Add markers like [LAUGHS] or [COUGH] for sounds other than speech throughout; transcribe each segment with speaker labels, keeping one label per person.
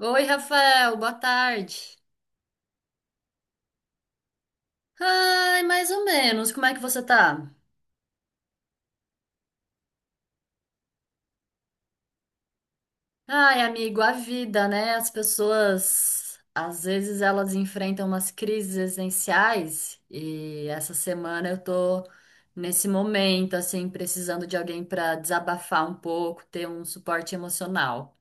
Speaker 1: Oi, Rafael, boa tarde. Ai, mais ou menos. Como é que você tá? Ai, amigo, a vida, né? As pessoas, às vezes elas enfrentam umas crises existenciais e essa semana eu tô nesse momento, assim, precisando de alguém pra desabafar um pouco, ter um suporte emocional.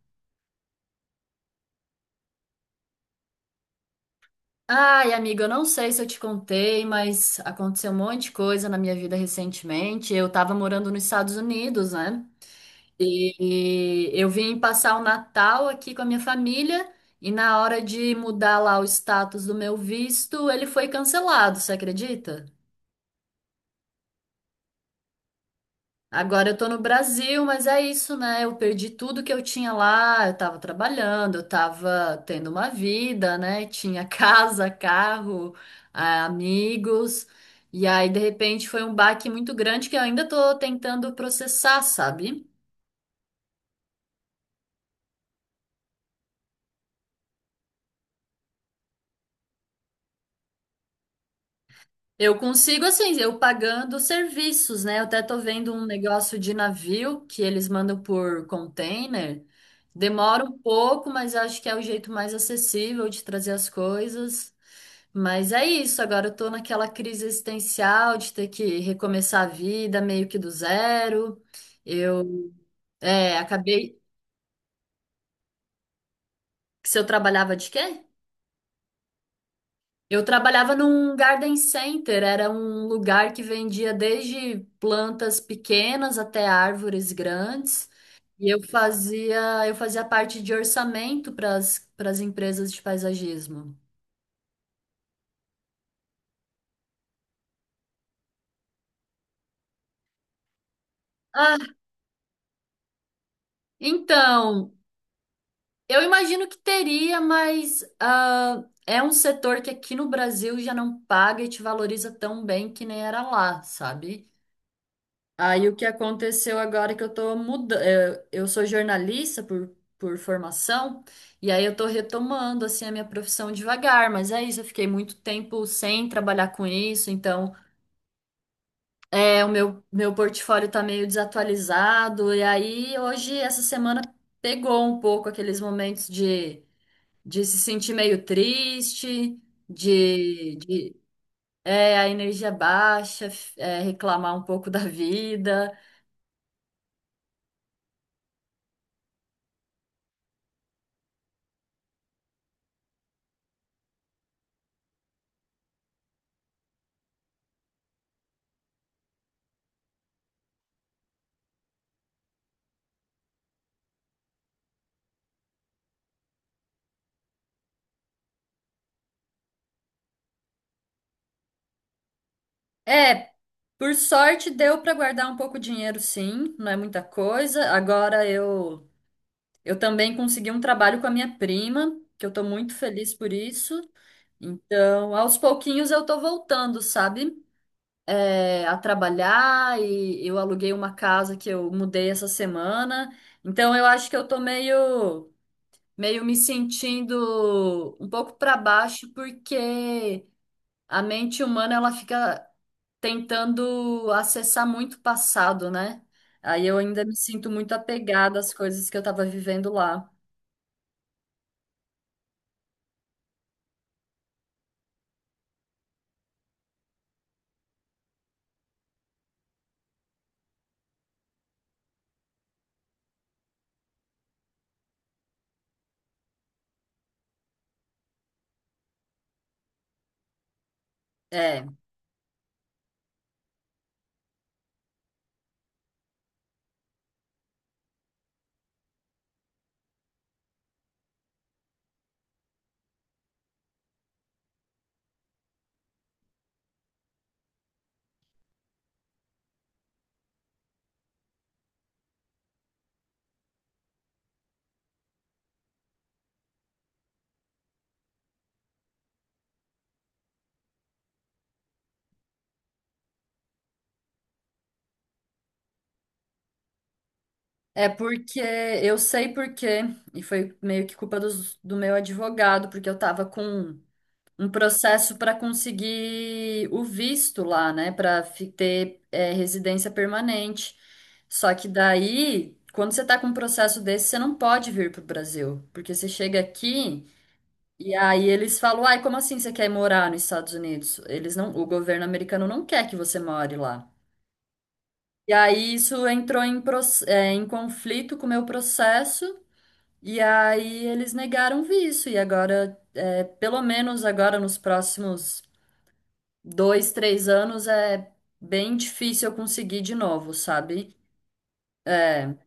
Speaker 1: Ai, amigo, eu não sei se eu te contei, mas aconteceu um monte de coisa na minha vida recentemente. Eu tava morando nos Estados Unidos, né? E eu vim passar o Natal aqui com a minha família e na hora de mudar lá o status do meu visto, ele foi cancelado, você acredita? Agora eu tô no Brasil, mas é isso, né? Eu perdi tudo que eu tinha lá, eu tava trabalhando, eu tava tendo uma vida, né? Tinha [LAUGHS] casa, carro, ah, amigos. E aí, de repente, foi um baque muito grande que eu ainda tô tentando processar, sabe? Eu consigo, assim, eu pagando serviços, né? Eu até tô vendo um negócio de navio que eles mandam por container. Demora um pouco, mas acho que é o jeito mais acessível de trazer as coisas. Mas é isso, agora eu tô naquela crise existencial de ter que recomeçar a vida meio que do zero. Eu, é, acabei. Se eu trabalhava de quê? Eu trabalhava num garden center, era um lugar que vendia desde plantas pequenas até árvores grandes. E eu fazia parte de orçamento para as empresas de paisagismo. Ah, então, eu imagino que teria, mas ah, é um setor que aqui no Brasil já não paga e te valoriza tão bem que nem era lá, sabe? Aí o que aconteceu agora é que eu tô mudando, eu sou jornalista por formação, e aí eu tô retomando assim a minha profissão devagar, mas é isso, eu fiquei muito tempo sem trabalhar com isso, então é, o meu, meu portfólio tá meio desatualizado, e aí hoje, essa semana, pegou um pouco aqueles momentos de se sentir meio triste, de é, a energia baixa, é, reclamar um pouco da vida. É, por sorte deu para guardar um pouco de dinheiro, sim, não é muita coisa. Agora eu também consegui um trabalho com a minha prima, que eu tô muito feliz por isso. Então, aos pouquinhos eu tô voltando, sabe? É, a trabalhar e eu aluguei uma casa que eu mudei essa semana. Então, eu acho que eu tô meio meio me sentindo um pouco para baixo porque a mente humana ela fica tentando acessar muito o passado, né? Aí eu ainda me sinto muito apegada às coisas que eu tava vivendo lá. É, é porque eu sei porque, e foi meio que culpa do meu advogado, porque eu tava com um processo para conseguir o visto lá, né, para ter é, residência permanente. Só que daí, quando você tá com um processo desse, você não pode vir pro Brasil, porque você chega aqui. E aí eles falam, ai, como assim você quer morar nos Estados Unidos? Eles não, o governo americano não quer que você more lá. E aí isso entrou em, em conflito com o meu processo, e aí eles negaram o visto. E agora, pelo menos agora nos próximos dois, três anos, é bem difícil eu conseguir de novo, sabe? É.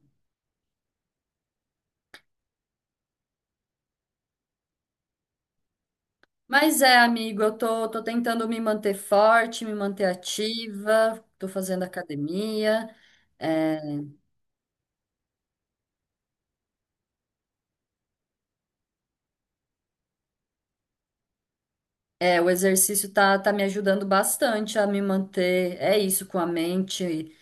Speaker 1: Mas é, amigo, tô tentando me manter forte, me manter ativa, tô fazendo academia. É, É, o tá me ajudando bastante a me manter, é isso, com a mente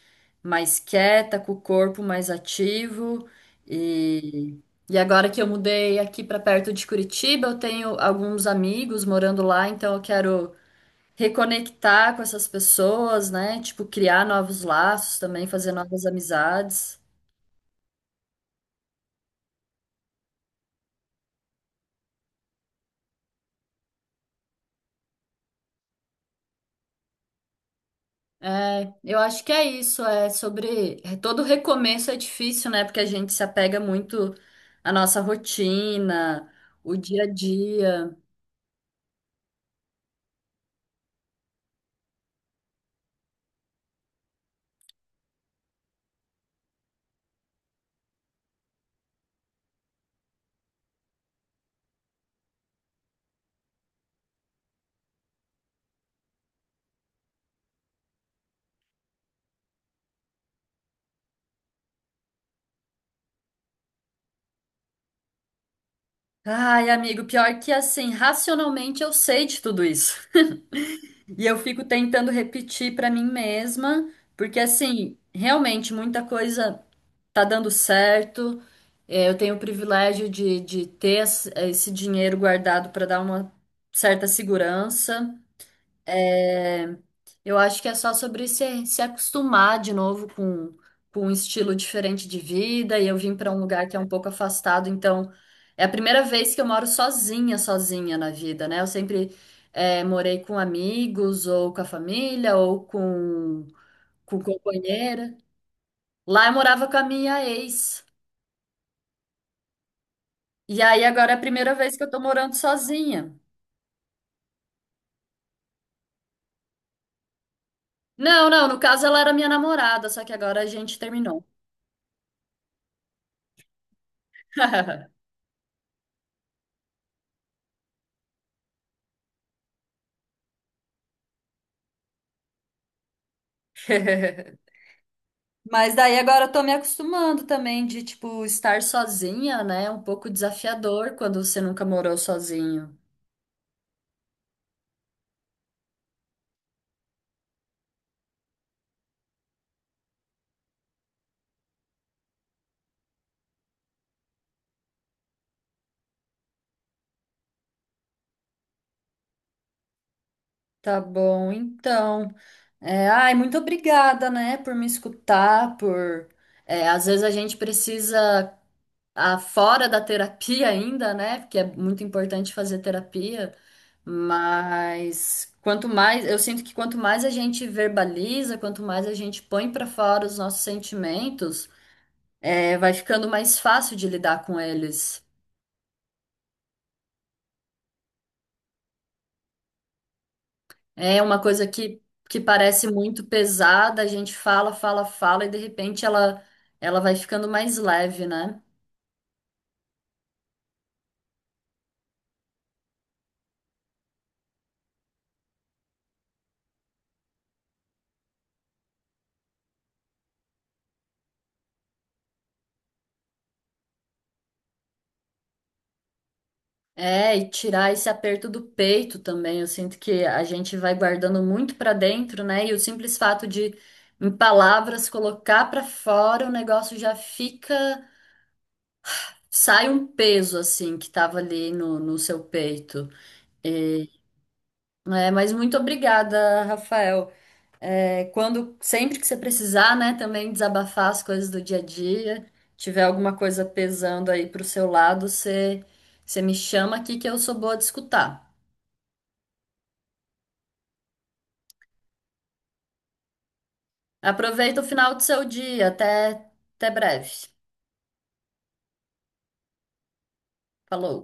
Speaker 1: mais quieta, com o corpo mais ativo. E, e agora que eu mudei aqui para perto de Curitiba, eu tenho alguns amigos morando lá, então eu quero reconectar com essas pessoas, né? Tipo, criar novos laços também, fazer novas amizades. É, eu acho que é isso, é sobre é, todo recomeço é difícil, né? Porque a gente se apega muito à nossa rotina, o dia a dia. Ai, amigo, pior que assim, racionalmente eu sei de tudo isso. E eu fico tentando repetir pra mim mesma, porque assim, realmente muita coisa tá dando certo. É, eu tenho o privilégio de ter esse dinheiro guardado pra dar uma certa segurança. É, eu acho que é só sobre se, se acostumar de novo com um estilo diferente de vida. E eu vim para um lugar que é um pouco afastado, então é a primeira vez que eu moro sozinha, sozinha na vida, né? Eu sempre morei com amigos, ou com a família, ou com companheira. Lá eu morava com a minha ex. E aí agora é a primeira vez que eu tô morando sozinha. Não, não, no caso ela era minha namorada, só que agora a gente terminou. [LAUGHS] Mas daí agora eu tô me acostumando também de, tipo, estar sozinha, né? Um pouco desafiador quando você nunca morou sozinho. Tá bom, então. É, ai, muito obrigada, né, por me escutar, por... é, às vezes a gente precisa, ah, fora da terapia ainda, né? Porque é muito importante fazer terapia, mas quanto mais, eu sinto que quanto mais a gente verbaliza, quanto mais a gente põe pra fora os nossos sentimentos, é, vai ficando mais fácil de lidar com eles. É uma coisa que parece muito pesada, a gente fala, fala, fala, e de repente ela, ela vai ficando mais leve, né? É, e tirar esse aperto do peito também. Eu sinto que a gente vai guardando muito pra dentro, né? E o simples fato de, em palavras, colocar pra fora, o negócio já fica. Sai um peso, assim, que tava ali no seu peito. É, mas muito obrigada, Rafael. É, quando, sempre que você precisar, né, também desabafar as coisas do dia a dia, tiver alguma coisa pesando aí pro seu lado, você, você me chama aqui que eu sou boa de escutar. Aproveita o final do seu dia, até, até breve. Falou.